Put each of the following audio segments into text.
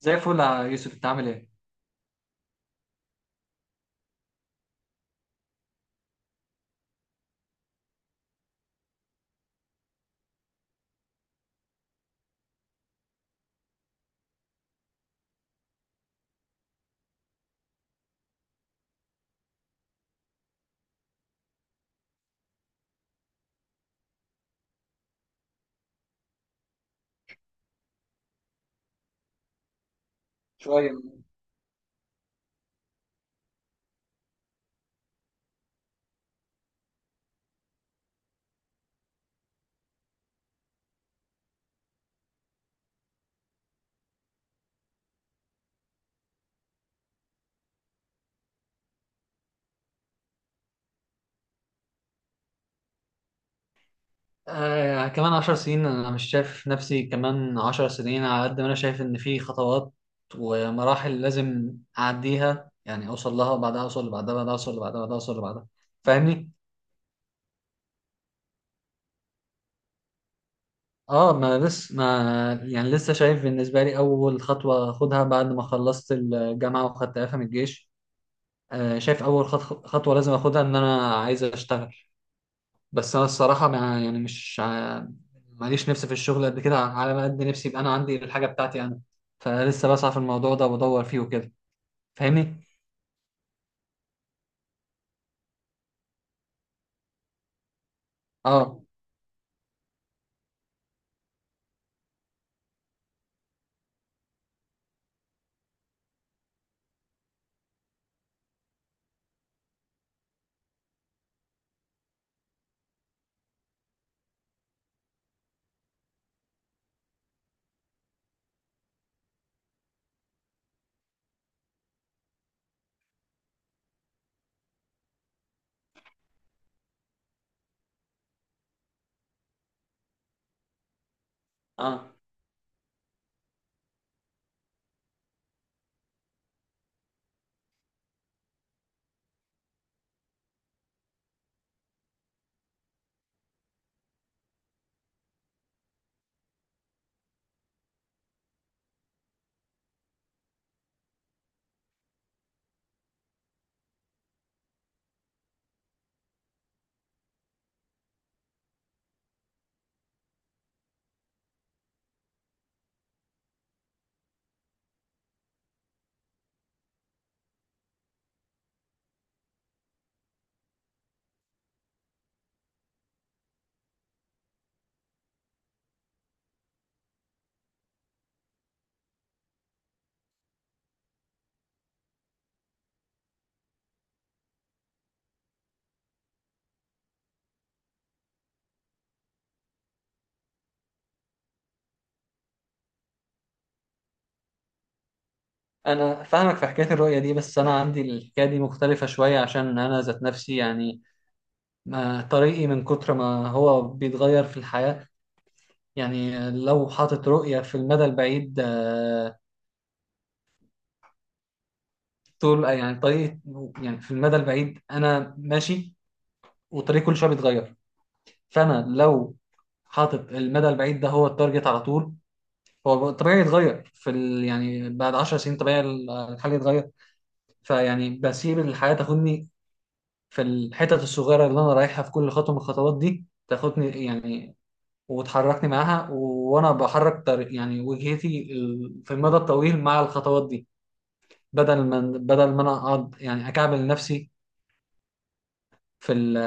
زي الفل يا يوسف، انت عامل ايه؟ شوية. كمان عشر سنين، انا مش شايف نفسي كمان عشر سنين، على قد ما انا شايف ان في خطوات ومراحل لازم اعديها، يعني اوصل لها وبعدها اوصل لبعدها، بعدها اوصل لبعدها، بعدها اوصل لبعدها. فاهمني؟ اه ما لسه ما يعني لسه شايف بالنسبة لي اول خطوة اخدها بعد ما خلصت الجامعة واخدت اعفاء من الجيش. آه، شايف اول خطوة لازم اخدها ان انا عايز اشتغل. بس انا الصراحه، ما يعني، مش ماليش نفسي في الشغل قد كده، على ما قد نفسي يبقى انا عندي الحاجه بتاعتي انا. فلسه بسعى في الموضوع ده وبدور فيه وكده. فاهمني؟ اه. اه، انا فاهمك في حكايه الرؤيه دي، بس انا عندي الحكايه دي مختلفه شويه، عشان انا ذات نفسي يعني، ما طريقي من كتر ما هو بيتغير في الحياه. يعني لو حاطط رؤيه في المدى البعيد، طول يعني طريقي، يعني في المدى البعيد انا ماشي وطريقي كل شويه بيتغير. فانا لو حاطط المدى البعيد ده هو التارجت على طول، هو طبيعي يتغير في يعني بعد 10 سنين طبيعي الحل يتغير. فيعني بسيب الحياة تاخدني في الحتت الصغيرة اللي أنا رايحها، في كل خطوة من الخطوات دي تاخدني يعني، وتحركني معاها وأنا بحرك طريق، يعني وجهتي في المدى الطويل مع الخطوات دي، بدل ما أنا أقعد يعني أكعبل نفسي في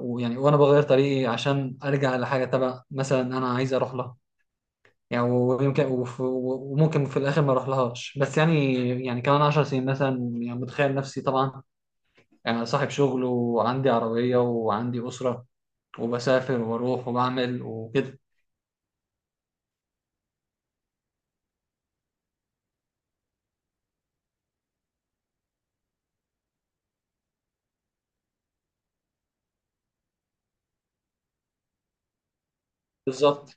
ويعني وأنا بغير طريقي عشان أرجع لحاجة تبع مثلا أنا عايز أروح لها. يعني ويمكن وممكن في الاخر ما اروح لهاش، بس يعني، يعني كمان 10 سنين مثلا، يعني متخيل نفسي طبعا يعني صاحب شغل وعندي عربية وعندي أسرة، وبسافر وبروح وبعمل وكده. بالظبط.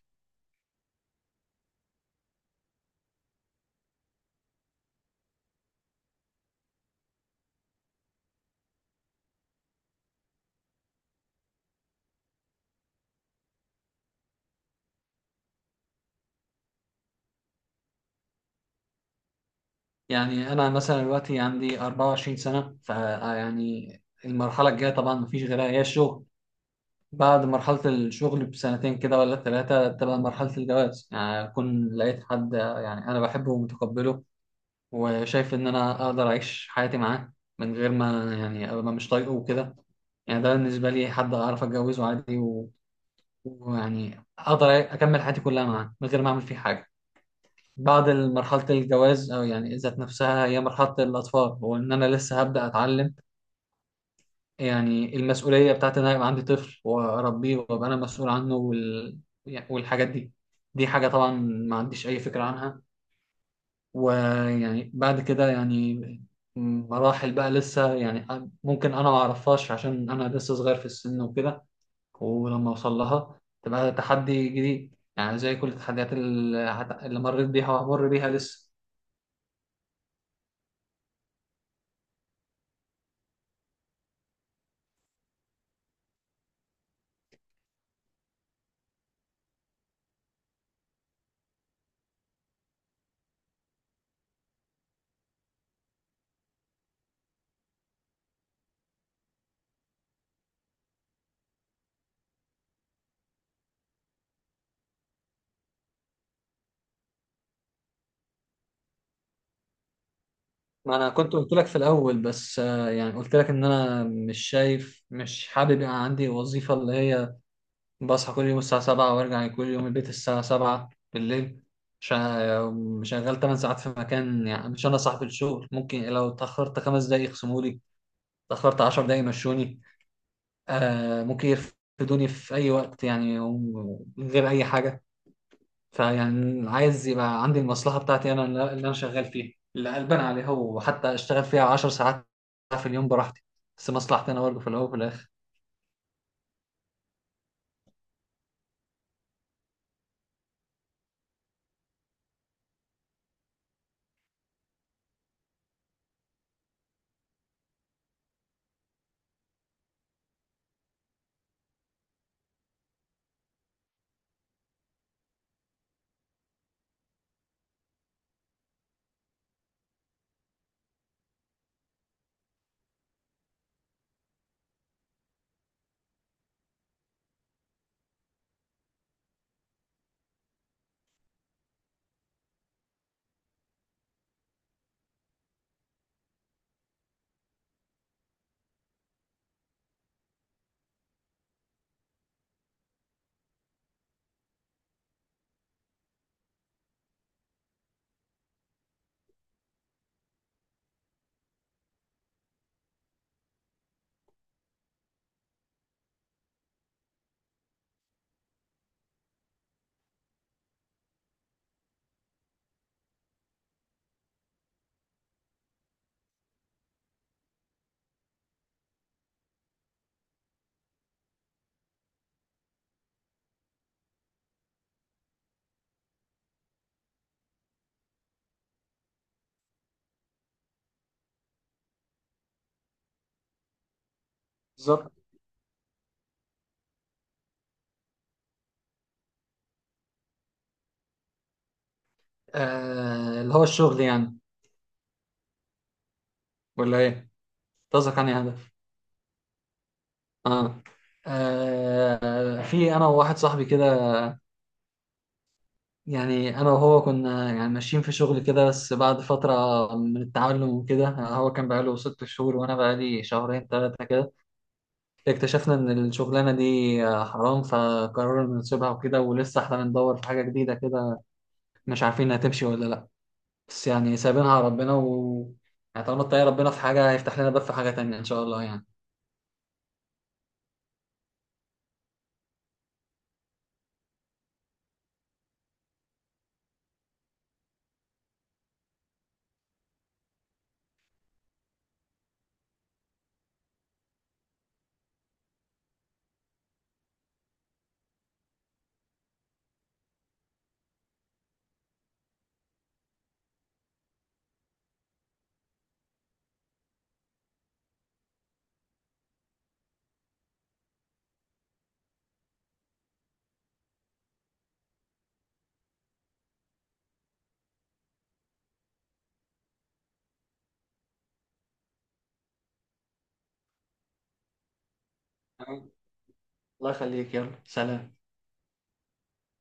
يعني أنا مثلا دلوقتي عندي 24 سنة، فيعني المرحلة الجاية طبعا مفيش غيرها هي الشغل. بعد مرحلة الشغل بسنتين كده ولا ثلاثة تبقى مرحلة الجواز، يعني أكون لقيت حد يعني أنا بحبه ومتقبله، وشايف ان انا اقدر اعيش حياتي معاه من غير ما يعني ابقى مش طايقه وكده. يعني ده بالنسبه لي حد اعرف اتجوزه عادي ويعني اقدر اكمل حياتي كلها معاه من غير ما اعمل فيه حاجه. بعد مرحله الجواز، او يعني ذات نفسها هي مرحله الاطفال، وان انا لسه هبدا اتعلم يعني المسؤوليه بتاعت ان انا يبقى عندي طفل واربيه وابقى انا مسؤول عنه يعني والحاجات دي، دي حاجه طبعا ما عنديش اي فكره عنها. ويعني بعد كده يعني مراحل بقى لسه، يعني ممكن انا ما اعرفهاش عشان انا لسه صغير في السن وكده، ولما اوصل لها تبقى تحدي جديد، يعني زي كل التحديات اللي اللي مريت بيها وهمر بيها لسه. ما انا كنت قلت لك في الاول، بس آه، يعني قلت لك ان انا مش شايف، مش حابب يبقى عندي وظيفة اللي هي بصحى كل يوم الساعة سبعة وارجع كل يوم البيت الساعة سبعة بالليل، شغال تمن ساعات في مكان، يعني مش أنا صاحب الشغل، ممكن لو اتأخرت خمس دقايق يخصمولي، اتأخرت عشر دقايق يمشوني. آه، ممكن يرفدوني في أي وقت، يعني ومن غير أي حاجة. فيعني عايز يبقى عندي المصلحة بتاعتي أنا، اللي أنا شغال فيها، اللي قلبان عليها، وحتى أشتغل فيها عشر ساعات في اليوم براحتي، بس مصلحتي أنا برضه في الأول وفي الآخر. بالظبط. آه، اللي هو الشغل يعني، ولا إيه؟ قصدك عن هدف. اه. آه، في انا وواحد صاحبي كده، يعني انا وهو كنا يعني ماشيين في شغل كده، بس بعد فتره من التعلم وكده، هو كان بقاله ست شهور وانا بقالي شهرين ثلاثه كده، اكتشفنا ان الشغلانه دي آه، حرام، فقررنا نسيبها وكده. ولسه احنا بندور في حاجه جديده كده، مش عارفين هتمشي ولا لا، بس يعني سايبينها على ربنا، و يعني طالما اتقي ربنا في حاجه هيفتح لنا باب في حاجه تانية ان شاء الله يعني. تمام. الله يخليك، يلا سلام.